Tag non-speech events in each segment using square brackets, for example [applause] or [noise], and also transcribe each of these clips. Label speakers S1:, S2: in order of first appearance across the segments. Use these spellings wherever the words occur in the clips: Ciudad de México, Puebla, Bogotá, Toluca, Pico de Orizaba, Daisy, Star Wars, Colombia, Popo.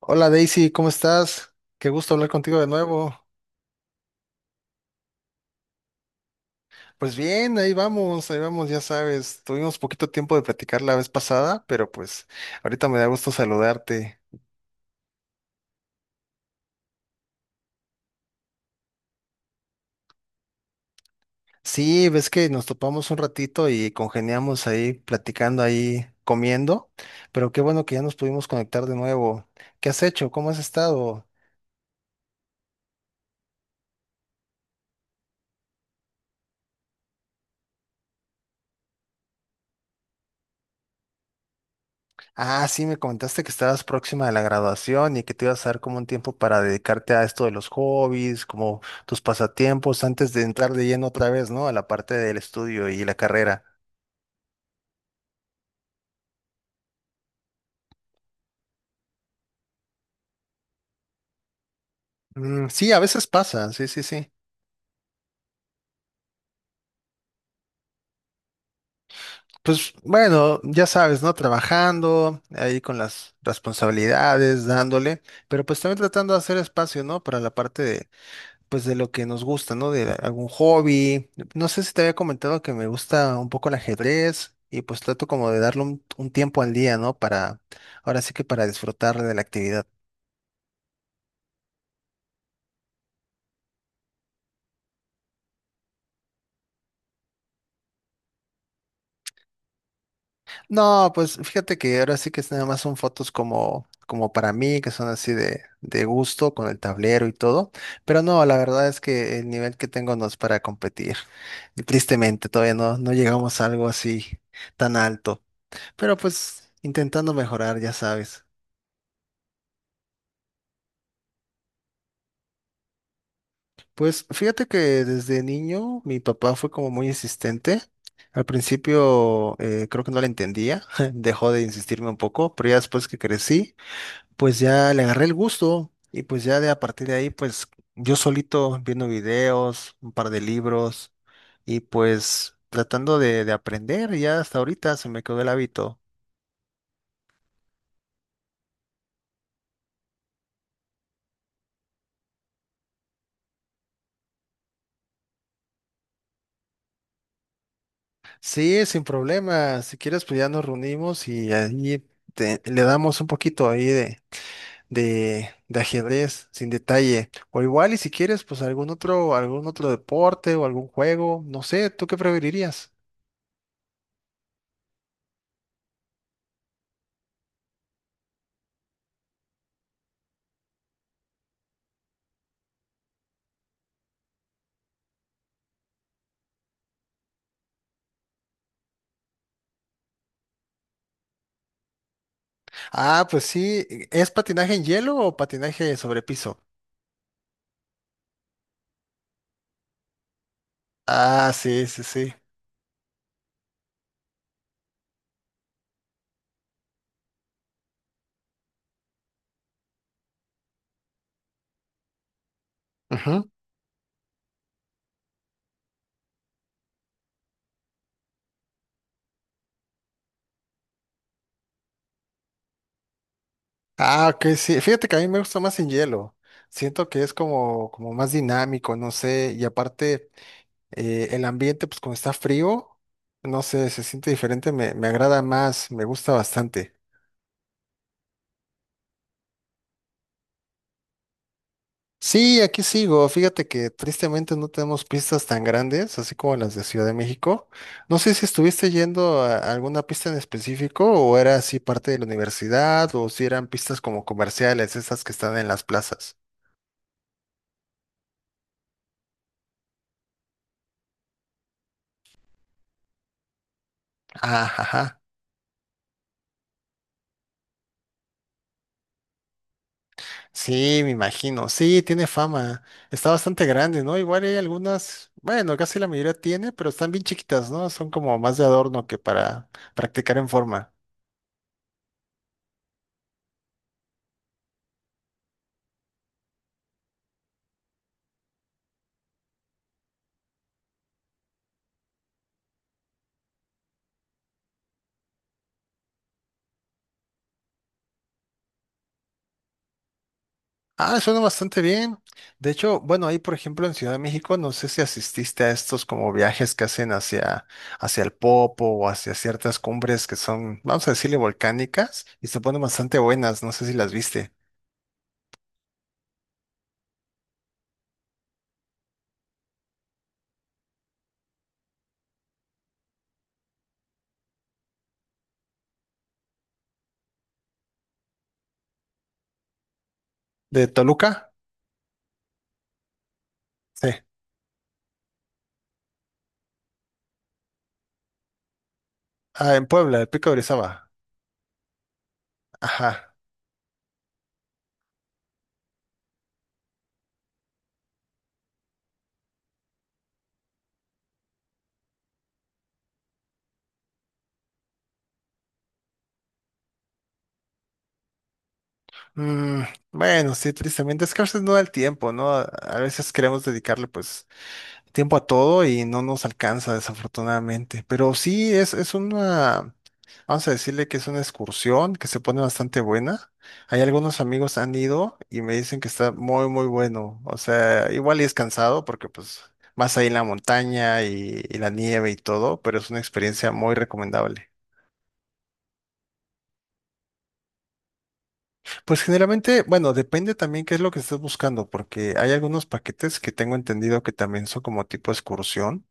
S1: Hola Daisy, ¿cómo estás? Qué gusto hablar contigo de nuevo. Pues bien, ahí vamos, ya sabes, tuvimos poquito tiempo de platicar la vez pasada, pero pues ahorita me da gusto saludarte. Sí, ves que nos topamos un ratito y congeniamos ahí platicando ahí, comiendo, pero qué bueno que ya nos pudimos conectar de nuevo. ¿Qué has hecho? ¿Cómo has estado? Ah, sí, me comentaste que estabas próxima de la graduación y que te ibas a dar como un tiempo para dedicarte a esto de los hobbies, como tus pasatiempos, antes de entrar de lleno otra vez, ¿no? A la parte del estudio y la carrera. Mm, sí, a veces pasa, sí, sí, sí. Pues bueno, ya sabes, ¿no? Trabajando ahí con las responsabilidades, dándole, pero pues también tratando de hacer espacio, ¿no? Para la parte pues de lo que nos gusta, ¿no? De algún hobby. No sé si te había comentado que me gusta un poco el ajedrez y pues trato como de darle un tiempo al día, ¿no? Para, ahora sí que para disfrutar de la actividad. No, pues fíjate que ahora sí que es nada más son fotos como, como para mí, que son así de gusto, con el tablero y todo. Pero no, la verdad es que el nivel que tengo no es para competir. Y tristemente, todavía no, no llegamos a algo así tan alto. Pero pues intentando mejorar, ya sabes. Pues fíjate que desde niño mi papá fue como muy insistente. Al principio creo que no le entendía, [laughs] dejó de insistirme un poco, pero ya después que crecí, pues ya le agarré el gusto y pues ya de a partir de ahí, pues yo solito viendo videos, un par de libros y pues tratando de aprender, y ya hasta ahorita se me quedó el hábito. Sí, sin problema, si quieres pues ya nos reunimos y ahí te- le damos un poquito ahí de ajedrez, sin detalle. O igual, y si quieres, pues algún otro deporte o algún juego, no sé, ¿tú qué preferirías? Ah, pues sí, ¿es patinaje en hielo o patinaje sobre piso? Ah, sí, sí, sí. Ujú. Ah, ok, sí. Fíjate que a mí me gusta más en hielo. Siento que es como, como más dinámico, no sé. Y aparte, el ambiente, pues como está frío, no sé, se siente diferente, me agrada más, me gusta bastante. Sí, aquí sigo. Fíjate que tristemente no tenemos pistas tan grandes, así como las de Ciudad de México. No sé si estuviste yendo a alguna pista en específico o era así parte de la universidad o si eran pistas como comerciales, esas que están en las plazas. Ah, ajá. Sí, me imagino. Sí, tiene fama. Está bastante grande, ¿no? Igual hay algunas, bueno, casi la mayoría tiene, pero están bien chiquitas, ¿no? Son como más de adorno que para practicar en forma. Ah, suena bastante bien. De hecho, bueno, ahí por ejemplo en Ciudad de México, no sé si asististe a estos como viajes que hacen hacia, hacia el Popo o hacia ciertas cumbres que son, vamos a decirle, volcánicas y se ponen bastante buenas, no sé si las viste. ¿De Toluca? Sí. Ah, en Puebla, el Pico de Orizaba. Ajá. Mm, bueno, sí, tristemente, es que a veces no da el tiempo, ¿no? A veces queremos dedicarle pues tiempo a todo y no nos alcanza, desafortunadamente. Pero sí, es una... Vamos a decirle que es una excursión que se pone bastante buena. Hay algunos amigos han ido y me dicen que está muy, muy bueno. O sea, igual y es cansado porque pues más ahí en la montaña y la nieve y todo, pero es una experiencia muy recomendable. Pues generalmente, bueno, depende también qué es lo que estés buscando, porque hay algunos paquetes que tengo entendido que también son como tipo excursión,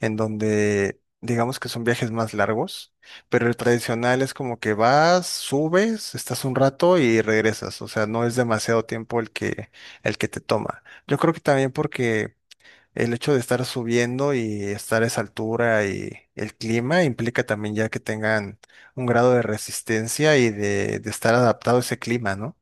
S1: en donde digamos que son viajes más largos, pero el tradicional es como que vas, subes, estás un rato y regresas, o sea, no es demasiado tiempo el que te toma. Yo creo que también porque el hecho de estar subiendo y estar a esa altura y el clima implica también ya que tengan un grado de resistencia y de estar adaptado a ese clima, ¿no?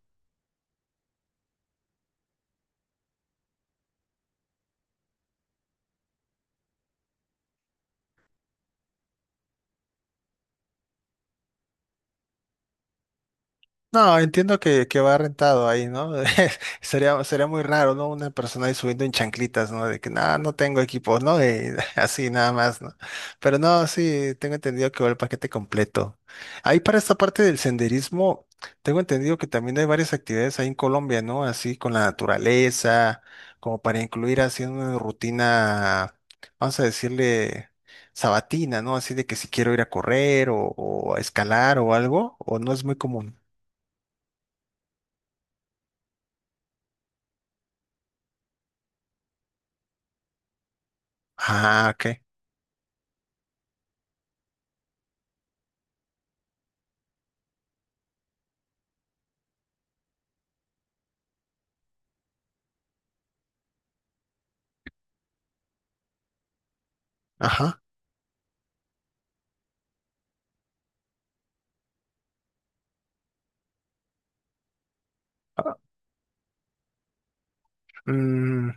S1: No, entiendo que va rentado ahí, ¿no? [laughs] Sería, sería muy raro, ¿no? Una persona ahí subiendo en chanclitas, ¿no? De que nada, no tengo equipo, ¿no? Y [laughs] así nada más, ¿no? Pero no, sí, tengo entendido que va el paquete completo. Ahí para esta parte del senderismo, tengo entendido que también hay varias actividades ahí en Colombia, ¿no? Así con la naturaleza, como para incluir así una rutina, vamos a decirle, sabatina, ¿no? Así de que si quiero ir a correr o a escalar o algo, o no es muy común. Ah, ok. Ajá. Ah, mm,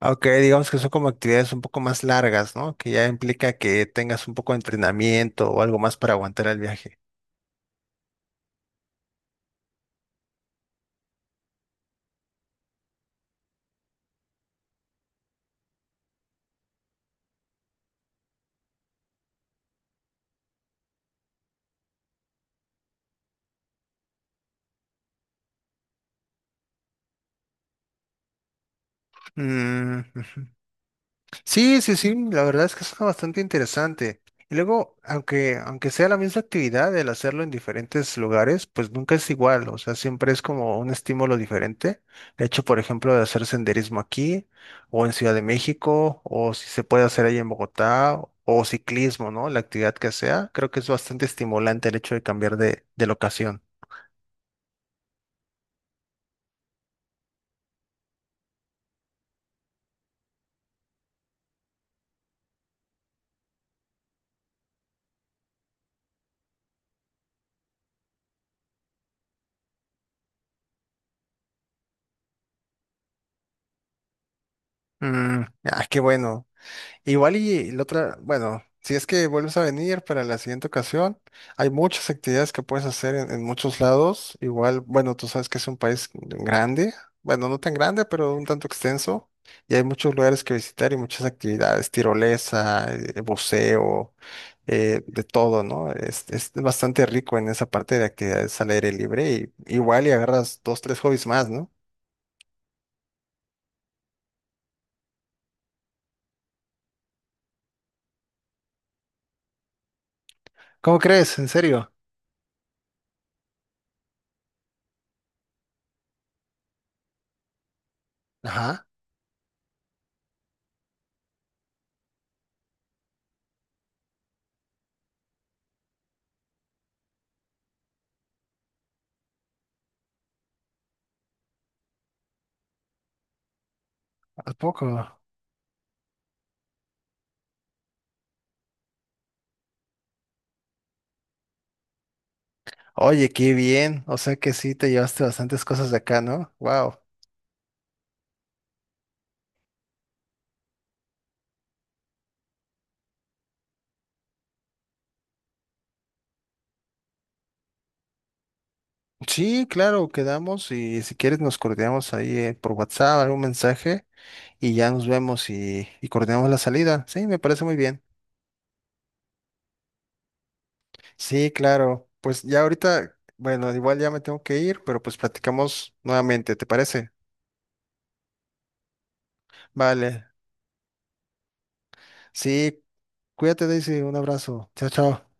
S1: ok, digamos que son como actividades un poco más largas, ¿no? Que ya implica que tengas un poco de entrenamiento o algo más para aguantar el viaje. Mm, ujú. Sí, sí, sí, la verdad es que es bastante interesante. Y luego, aunque sea la misma actividad, el hacerlo en diferentes lugares, pues nunca es igual, o sea, siempre es como un estímulo diferente. El hecho, por ejemplo, de hacer senderismo aquí, o en Ciudad de México, o si se puede hacer ahí en Bogotá, o ciclismo, ¿no? La actividad que sea, creo que es bastante estimulante el hecho de cambiar de locación. Mm, ah, qué bueno. Igual y la otra, bueno, si es que vuelves a venir para la siguiente ocasión, hay muchas actividades que puedes hacer en muchos lados. Igual, bueno, tú sabes que es un país grande, bueno, no tan grande, pero un tanto extenso. Y hay muchos lugares que visitar y muchas actividades, tirolesa, buceo, de todo, ¿no? Es bastante rico en esa parte de actividades al aire libre y igual y agarras dos, tres hobbies más, ¿no? ¿Cómo crees? ¿En serio? Ajá, ¿a poco? Oye, qué bien. O sea que sí te llevaste bastantes cosas de acá, ¿no? Wow. Sí, claro, quedamos y si quieres nos coordinamos ahí por WhatsApp, algún mensaje y ya nos vemos y coordinamos la salida. Sí, me parece muy bien. Sí, claro. Pues ya ahorita, bueno, igual ya me tengo que ir, pero pues platicamos nuevamente, ¿te parece? Vale. Sí, cuídate, Daisy. Un abrazo. Chao, chao.